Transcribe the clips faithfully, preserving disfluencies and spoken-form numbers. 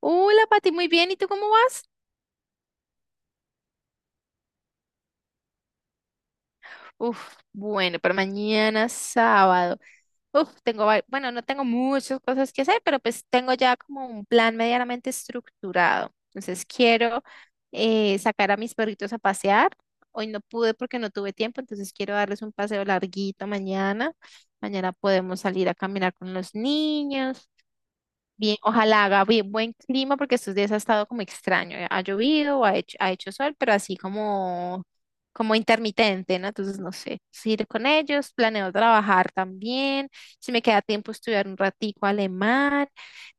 Hola, Pati, muy bien. ¿Y tú cómo vas? Uf, bueno, pero mañana sábado. Uf, tengo, va- bueno, no tengo muchas cosas que hacer, pero pues tengo ya como un plan medianamente estructurado. Entonces quiero eh, sacar a mis perritos a pasear. Hoy no pude porque no tuve tiempo, entonces quiero darles un paseo larguito mañana. Mañana podemos salir a caminar con los niños. Bien, ojalá haga bien, buen clima porque estos días ha estado como extraño. Ha llovido, ha hecho, ha hecho sol, pero así como, como intermitente, ¿no? Entonces, no sé, ir con ellos, planeo trabajar también. Si me queda tiempo, estudiar un ratico alemán.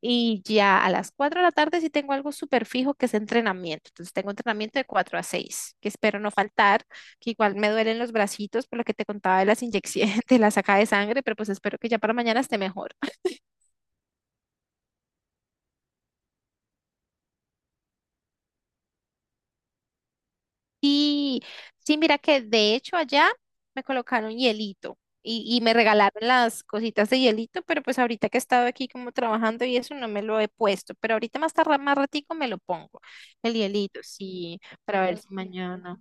Y ya a las cuatro de la tarde sí tengo algo súper fijo que es entrenamiento. Entonces, tengo entrenamiento de cuatro a seis que espero no faltar, que igual me duelen los bracitos por lo que te contaba de las inyecciones, de la saca de sangre, pero pues espero que ya para mañana esté mejor. Sí, sí, mira que de hecho allá me colocaron hielito y, y me regalaron las cositas de hielito, pero pues ahorita que he estado aquí como trabajando y eso no me lo he puesto, pero ahorita más tarde, más ratico me lo pongo, el hielito, sí, para ver si mañana.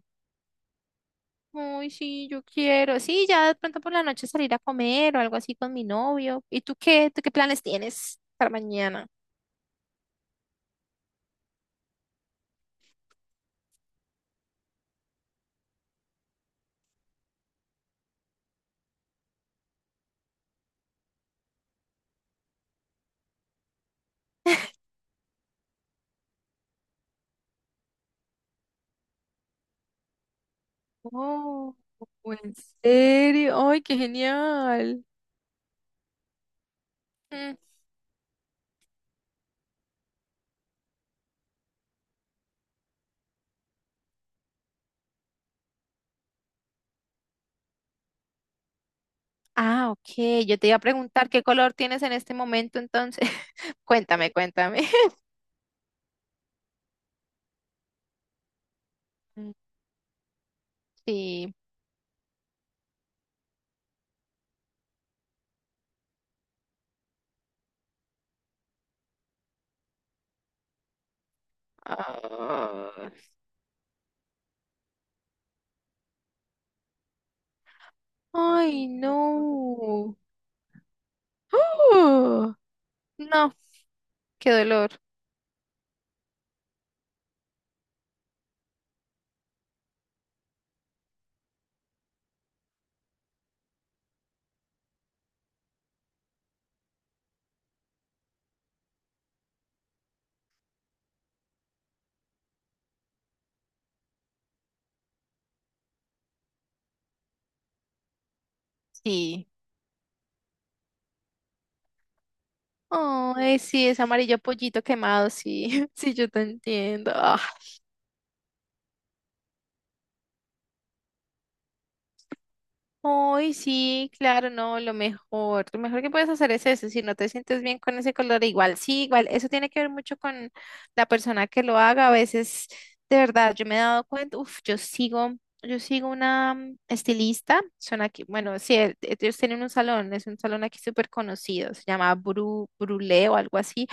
Uy, sí, yo quiero. Sí, ya de pronto por la noche salir a comer o algo así con mi novio. ¿Y tú qué? ¿Tú qué planes tienes para mañana? Oh, ¿en serio? ¡Ay, qué genial! Ah, ok. Yo te iba a preguntar qué color tienes en este momento, entonces. Cuéntame, cuéntame. Mm, sí. Ah. Ay, no. Uh, no, qué dolor. Sí. Ay, sí, es amarillo pollito quemado, sí. Sí, yo te entiendo. Hoy sí, claro, no, lo mejor, lo mejor que puedes hacer es eso, si no te sientes bien con ese color, igual, sí, igual, eso tiene que ver mucho con la persona que lo haga, a veces, de verdad, yo me he dado cuenta, uff, yo sigo, yo sigo una mm, estilista, son aquí, bueno, sí, el- ellos tienen un salón, es un salón aquí súper conocido, se llama Bru, Brulé o algo así,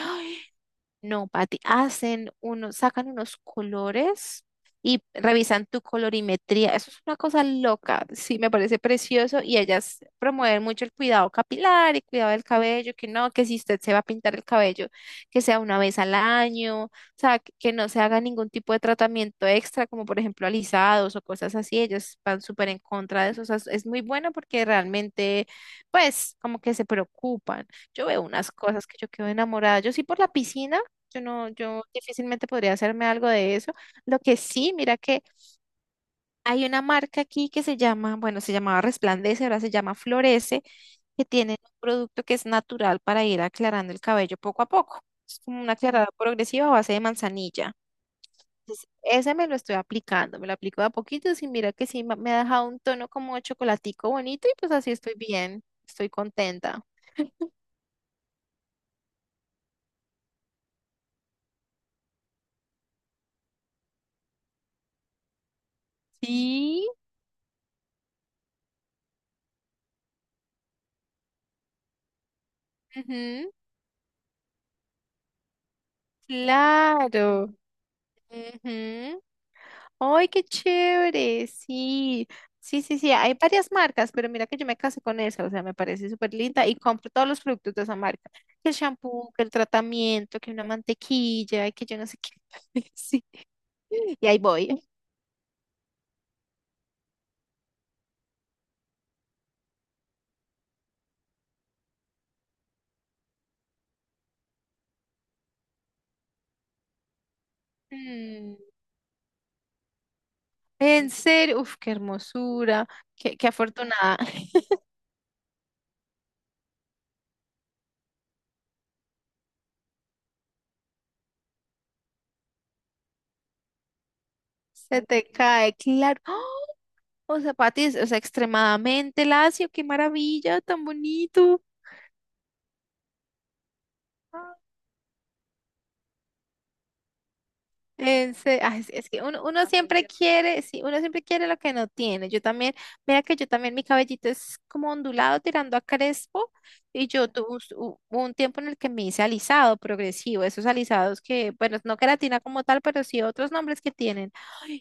no, Pati, hacen unos, sacan unos colores y revisan tu colorimetría. Eso es una cosa loca, sí, me parece precioso y ellas promueven mucho el cuidado capilar y cuidado del cabello, que no, que si usted se va a pintar el cabello, que sea una vez al año, o sea, que, que no se haga ningún tipo de tratamiento extra, como por ejemplo alisados o cosas así. Ellas van súper en contra de eso. O sea, es es muy bueno porque realmente, pues, como que se preocupan. Yo veo unas cosas que yo quedo enamorada. Yo sí por la piscina. Yo no, yo difícilmente podría hacerme algo de eso. Lo que sí, mira que hay una marca aquí que se llama, bueno, se llamaba Resplandece, ahora se llama Florece, que tienen un producto que es natural para ir aclarando el cabello poco a poco. Es como una aclarada progresiva a base de manzanilla. Entonces, ese me lo estoy aplicando, me lo aplico de a poquitos y mira que sí ma- me ha dejado un tono como de chocolatico bonito y pues así estoy bien, estoy contenta. Sí, ujú, claro. Ujú. ¡Ay, qué chévere! Sí, sí, sí, sí. Hay varias marcas, pero mira que yo me casé con esa, o sea, me parece súper linda y compro todos los productos de esa marca. Que el shampoo, que el tratamiento, que una mantequilla, que yo no sé qué. Sí, y ahí voy. Mm, en serio, uf, qué hermosura, qué, qué afortunada. Se te cae, claro. ¡Oh! O sea, Pati, es- o sea, extremadamente lacio, qué maravilla, tan bonito. En se- ay, sí, es que uno, uno siempre quiere, sí, uno siempre quiere lo que no tiene. Yo también, mira que yo también, mi cabellito es como ondulado tirando a crespo y yo tuve un, s- u- un tiempo en el que me hice alisado progresivo, esos alisados que, bueno, no queratina como tal, pero sí otros nombres que tienen.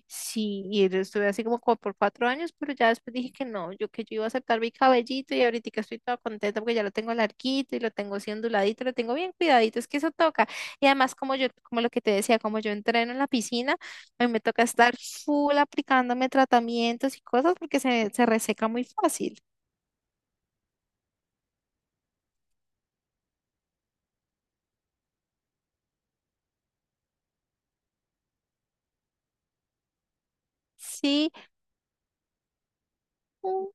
Sí, y yo estuve así como como por cuatro años, pero ya después dije que no, yo que yo iba a aceptar mi cabellito y ahorita estoy toda contenta porque ya lo tengo larguito y lo tengo así onduladito, lo tengo bien cuidadito, es que eso toca. Y además como yo, como lo que te decía, como yo entreno en la piscina, a mí me toca estar full aplicándome tratamientos y cosas porque se, se reseca muy fácil. Sí, u-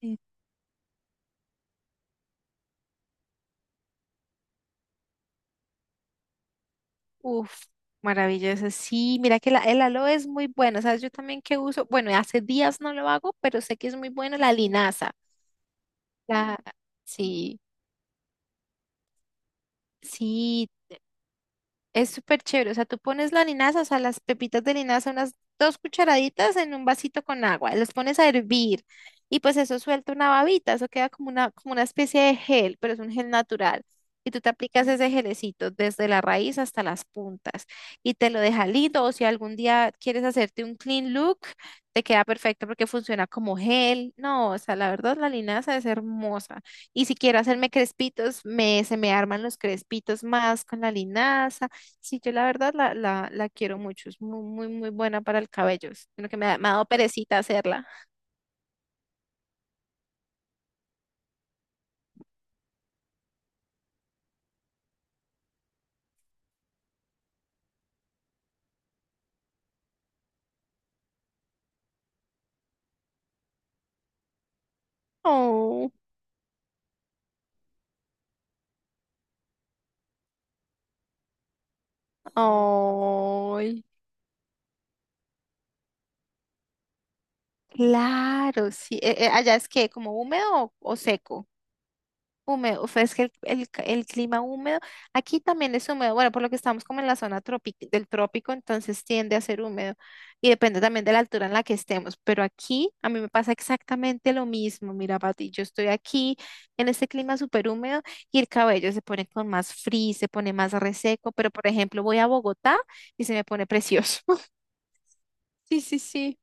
sí. Uf, maravilloso. Sí, mira que la, el aloe es muy bueno, ¿sabes? Yo también que uso, bueno, hace días no lo hago, pero sé que es muy bueno la linaza. La, sí, sí, es súper chévere. O sea, tú pones la linaza, o sea, las pepitas de linaza, unas dos cucharaditas en un vasito con agua, las pones a hervir y pues eso suelta una babita, eso queda como una, como una especie de gel, pero es un gel natural. Y tú te aplicas ese gelecito desde la raíz hasta las puntas y te lo deja lindo. O si algún día quieres hacerte un clean look, te queda perfecto porque funciona como gel. No, o sea, la verdad, la linaza es hermosa. Y si quiero hacerme crespitos, me, se me arman los crespitos más con la linaza. Sí, yo la verdad la, la, la quiero mucho, es muy, muy, muy buena para el cabello, es lo que me ha, me ha dado perecita hacerla. Oh, ay, claro, sí. Eh, eh, allá es que como húmedo o, o seco. Húmedo, fue- es que el, el ca- el clima húmedo, aquí también es húmedo, bueno, por lo que estamos como en la zona tropi- del trópico, entonces tiende a ser húmedo y depende también de la altura en la que estemos, pero aquí a mí me pasa exactamente lo mismo, mira, Pati, yo estoy aquí en este clima súper húmedo y el cabello se pone con más frizz, se pone más reseco, pero por ejemplo voy a Bogotá y se me pone precioso. Sí, sí, sí.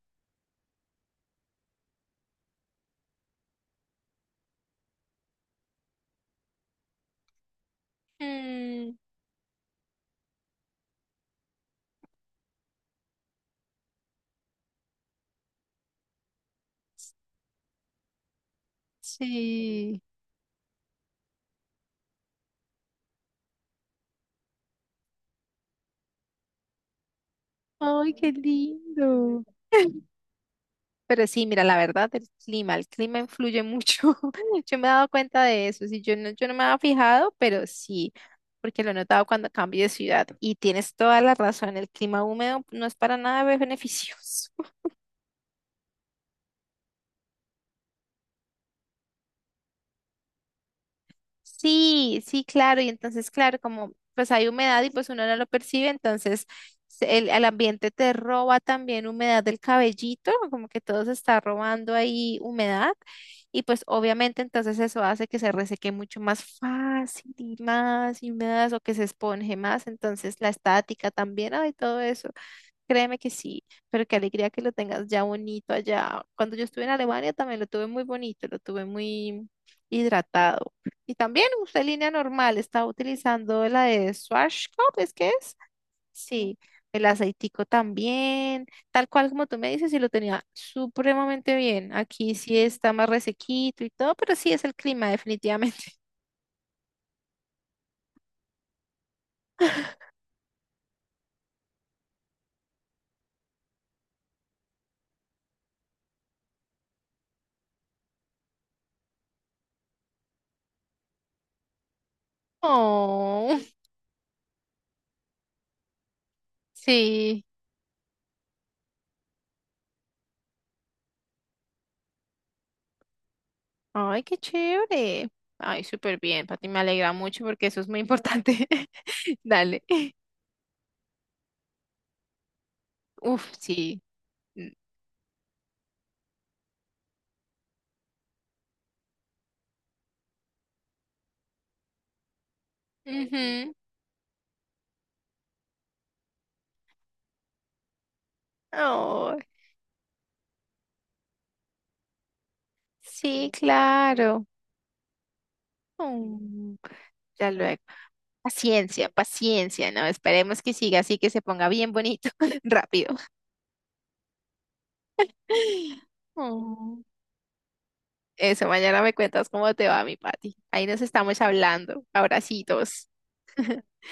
Mm, sí. Ay, qué lindo. Pero sí, mira, la verdad, el clima, el clima influye mucho. Yo me he dado cuenta de eso. Sí, yo no, yo no me había fijado, pero sí, porque lo he notado cuando cambio de ciudad. Y tienes toda la razón, el clima húmedo no es para nada beneficioso. Sí, sí, claro. Y entonces, claro, como pues hay humedad y pues uno no lo percibe, entonces se- el, el ambiente te roba también humedad del cabellito, como que todo se está robando ahí humedad. Y pues obviamente entonces eso hace que se reseque mucho más fácil y más y más o que se esponje más. Entonces la estática también, hay todo eso. Créeme que sí, pero qué alegría que lo tengas ya bonito allá. Cuando yo estuve en Alemania también lo tuve muy bonito, lo tuve muy hidratado. Y también usé línea normal, estaba utilizando la de Schwarzkopf, ¿es que es? Sí, el aceitico también, tal cual como tú me dices, y lo tenía supremamente bien. Aquí sí está más resequito y todo, pero sí es el clima, definitivamente. Oh, sí. Ay, qué chévere. Ay, súper bien, Pati, me alegra mucho porque eso es muy importante. Dale. Uf, sí. Mm, ujú. Oh, sí, claro. Mm, ya luego. Paciencia, paciencia, ¿no? Esperemos que siga así, que se ponga bien bonito, rápido. Oh. Eso, mañana me cuentas cómo te va, mi Pati. Ahí nos estamos hablando. Abracitos.